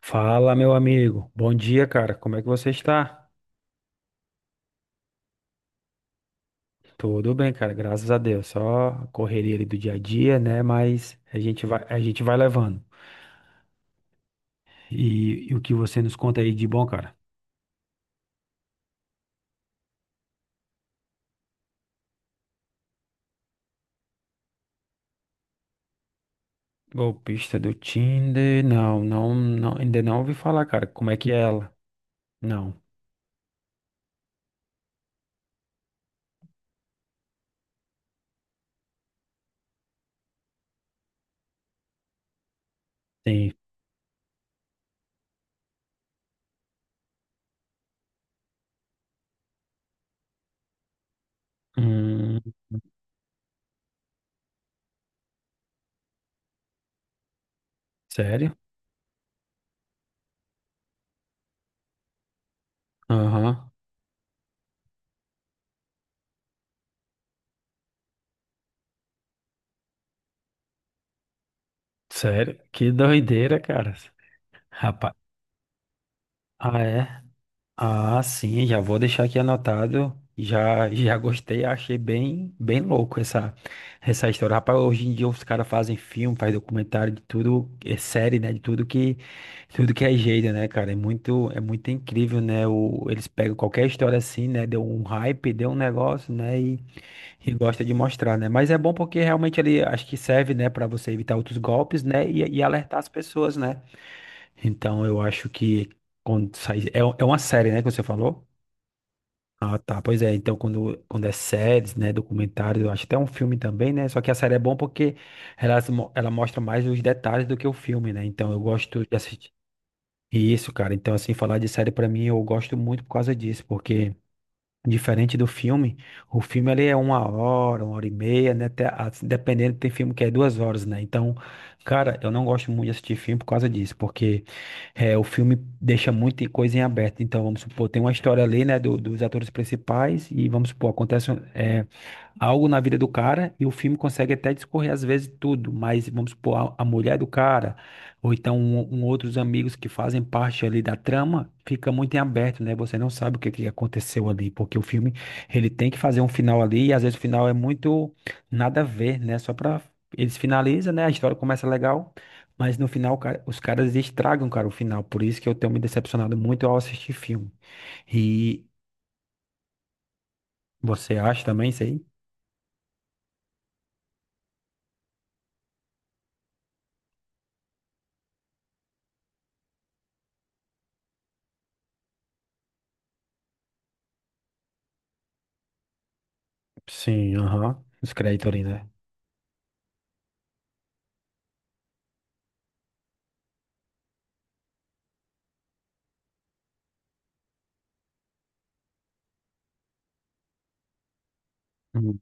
Fala, meu amigo. Bom dia, cara. Como é que você está? Tudo bem, cara. Graças a Deus. Só a correria ali do dia a dia, né? Mas a gente vai levando. E o que você nos conta aí de bom, cara? Golpista do Tinder? Não, não, não, ainda não ouvi falar, cara. Como é que é ela? Não. Tem. Hum, sério? Aham. Sério? Que doideira, cara. Rapaz. Ah, é? Ah, sim, já vou deixar aqui anotado. Já gostei, achei bem, bem louco essa história. Rapaz, hoje em dia os caras fazem filme, fazem documentário de tudo, é série, né? De tudo que é jeito, né, cara? É muito incrível, né? Eles pegam qualquer história assim, né? Deu um hype, deu um negócio, né? E gosta de mostrar, né? Mas é bom porque realmente ele acho que serve, né, para você evitar outros golpes, né? E alertar as pessoas, né? Então eu acho que quando sai, é uma série, né, que você falou? Ah, tá. Pois é, então quando é séries, né, documentários, eu acho até um filme também, né? Só que a série é bom porque ela, ela mostra mais os detalhes do que o filme, né? Então eu gosto de assistir isso, cara. Então, assim, falar de série pra mim, eu gosto muito por causa disso, porque. Diferente do filme, o filme ele é uma hora e meia, né? Até, dependendo, tem filme que é 2 horas, né? Então, cara, eu não gosto muito de assistir filme por causa disso, porque o filme deixa muita coisa em aberto. Então, vamos supor, tem uma história ali, né, dos atores principais, e vamos supor, acontece, algo na vida do cara e o filme consegue até discorrer às vezes tudo, mas vamos supor, a mulher do cara, ou então um outros amigos que fazem parte ali da trama, fica muito em aberto, né? Você não sabe o que aconteceu ali, porque o filme, ele tem que fazer um final ali e às vezes o final é muito nada a ver, né? Só pra. Eles finalizam, né? A história começa legal, mas no final, cara, os caras estragam, cara, o final. Por isso que eu tenho me decepcionado muito ao assistir filme. E você acha também isso aí? Sim, aham. Os créditos ali, né? Hum.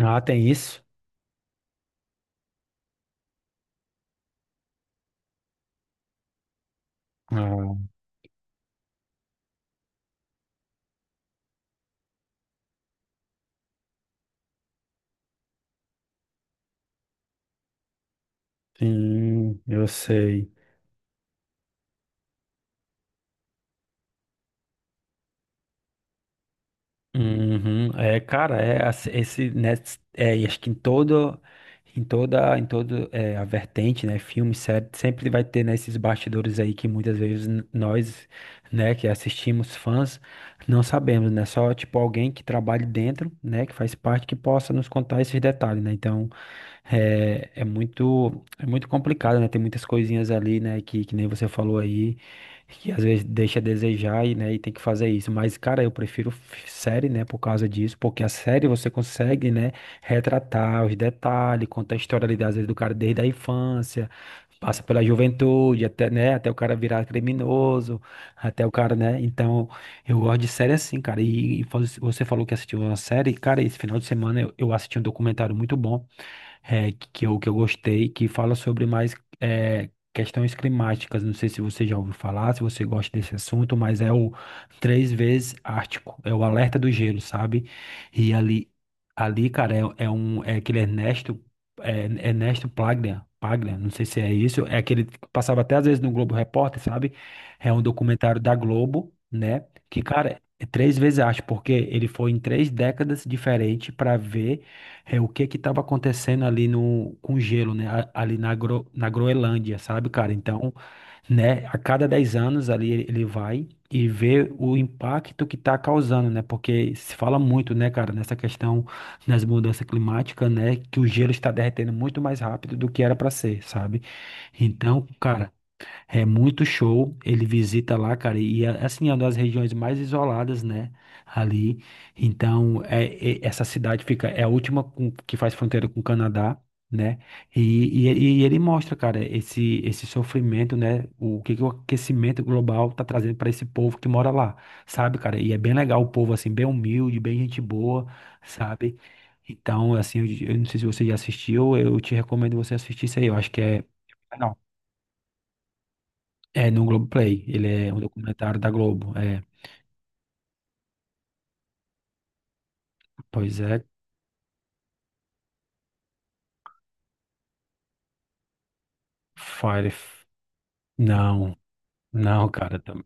Ah, tem isso? Ah, sim, eu sei. Uhum. É, cara, esse, né, e acho que em toda a vertente, né, filme, série, sempre vai ter, né, esses bastidores aí que muitas vezes nós, né, que assistimos fãs, não sabemos, né, só, tipo, alguém que trabalhe dentro, né, que faz parte, que possa nos contar esses detalhes, né, então, é muito complicado, né, tem muitas coisinhas ali, né, que nem você falou aí, que às vezes deixa a desejar e, né, e tem que fazer isso. Mas, cara, eu prefiro série, né, por causa disso, porque a série você consegue, né, retratar os detalhes, conta a história ali, às vezes, do cara desde a infância, passa pela juventude, até, né, até o cara virar criminoso, até o cara, né, então eu gosto de série assim, cara, e você falou que assistiu uma série, cara, esse final de semana eu assisti um documentário muito bom, que eu gostei, que fala sobre mais questões climáticas. Não sei se você já ouviu falar, se você gosta desse assunto, mas é o Três Vezes Ártico, é o Alerta do Gelo, sabe? E ali, cara, é aquele Ernesto, Ernesto Paglia, não sei se é isso, é aquele que passava até às vezes no Globo Repórter, sabe? É um documentário da Globo, né? Que, cara, é 3 vezes arte, porque ele foi em 3 décadas diferentes para ver o que que estava acontecendo ali no com o gelo, né? Ali na Groenlândia, sabe, cara? Então, né, a cada 10 anos ali ele vai e vê o impacto que está causando, né? Porque se fala muito, né, cara, nessa questão das mudanças climáticas, né, que o gelo está derretendo muito mais rápido do que era para ser, sabe? Então, cara, é muito show, ele visita lá, cara, e é, assim, é uma das regiões mais isoladas, né, ali. Então, essa cidade fica, é a última que faz fronteira com o Canadá, né, e ele mostra, cara, esse sofrimento, né, o que, que o aquecimento global tá trazendo para esse povo que mora lá, sabe, cara, e é bem legal o povo, assim, bem humilde, bem gente boa, sabe. Então, assim, eu, não sei se você já assistiu, eu te recomendo você assistir isso aí, eu acho que é. É no Globoplay. Ele é um documentário da Globo. É, pois é. Fire. Não, não, cara. Tá.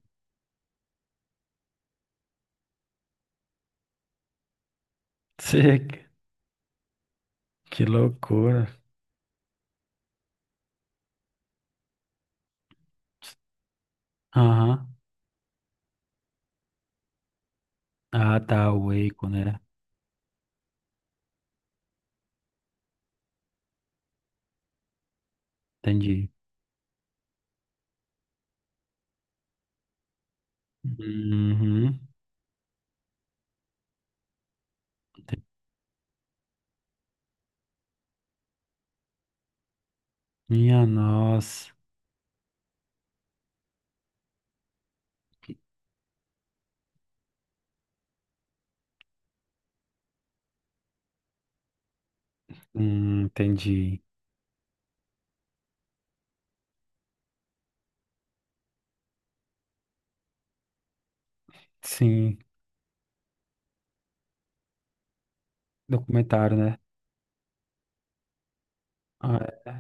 Cê- Que loucura. Aham. Ah, tá. O Waco, né? Entendi. Uhum. Minha nossa. Entendi. Sim, documentário, né? Ah,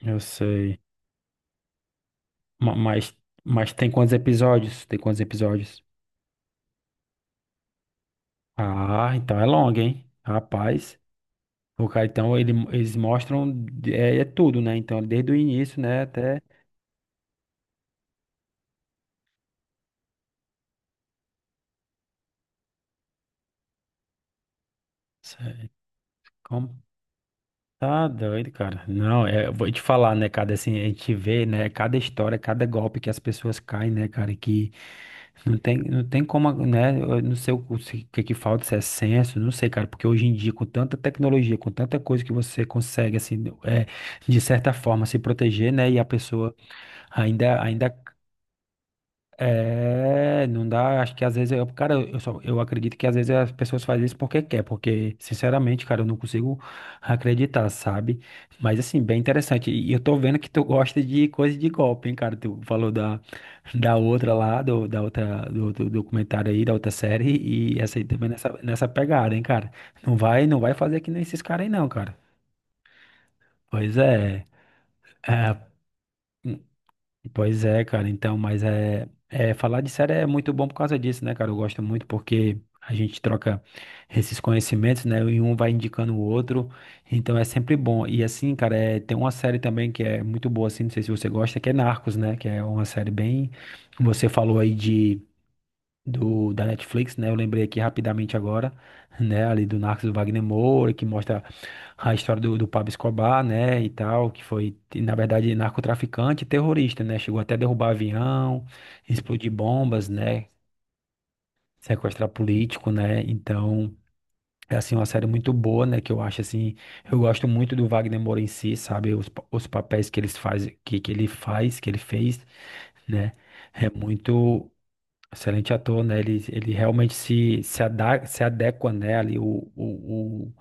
eu sei. Ma- Mas, mas tem quantos episódios? Tem quantos episódios? Ah, então é longo, hein? Rapaz. O cara, então, eles mostram é tudo, né? Então, desde o início, né, até. Sei. Como? Tá doido, cara. Não, eu vou te falar, né, cara? Assim, a gente vê, né, cada história, cada golpe que as pessoas caem, né, cara? Que não tem como, né? Eu não sei o, o que que falta, se é senso, não sei, cara. Porque hoje em dia, com tanta tecnologia, com tanta coisa que você consegue, assim, de certa forma, se proteger, né? E a pessoa ainda, ainda É, não dá, acho que às vezes eu, cara, eu só, eu acredito que às vezes as pessoas fazem isso porque quer, porque sinceramente, cara, eu não consigo acreditar, sabe? Mas assim, bem interessante. E eu tô vendo que tu gosta de coisa de golpe, hein, cara? Tu falou da outra lá, da outra, do documentário aí, da outra série, e essa aí também nessa pegada, hein, cara? Não vai fazer que nem esses caras aí, não, cara. Pois é. É, pois é, cara, então, mas falar de série é muito bom por causa disso, né, cara? Eu gosto muito porque a gente troca esses conhecimentos, né? E um vai indicando o outro, então é sempre bom. E assim, cara, tem uma série também que é muito boa, assim, não sei se você gosta, que é Narcos, né? Que é uma série bem. Você falou aí de do da Netflix, né? Eu lembrei aqui rapidamente agora, né? Ali do Narcos do Wagner Moura, que mostra a história do Pablo Escobar, né? E tal, que foi, na verdade, narcotraficante e terrorista, né? Chegou até a derrubar avião, explodir bombas, né? Sequestrar político, né? Então. É assim, uma série muito boa, né? Que eu acho assim, eu gosto muito do Wagner Moura em si, sabe? Os papéis que eles faz, que ele faz, que ele fez, né? É muito. Excelente ator, né? Ele realmente se adequa, né? Ali o, o,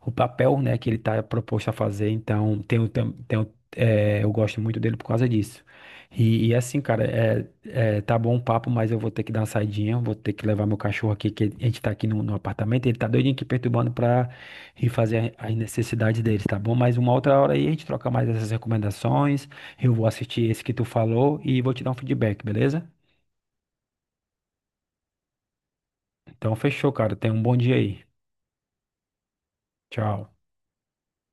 o papel, né? Que ele está proposto a fazer. Então, tem, o- tem, tem, o- é, eu gosto muito dele por causa disso. E assim, cara, tá bom o papo, mas eu vou ter que dar uma saidinha. Vou ter que levar meu cachorro aqui, que a gente tá aqui no apartamento. Ele tá doidinho aqui perturbando pra ir fazer as necessidades dele, tá bom? Mas uma outra hora aí a gente troca mais essas recomendações. Eu vou assistir esse que tu falou e vou te dar um feedback, beleza? Então, fechou, cara. Tenha um bom dia aí. Tchau.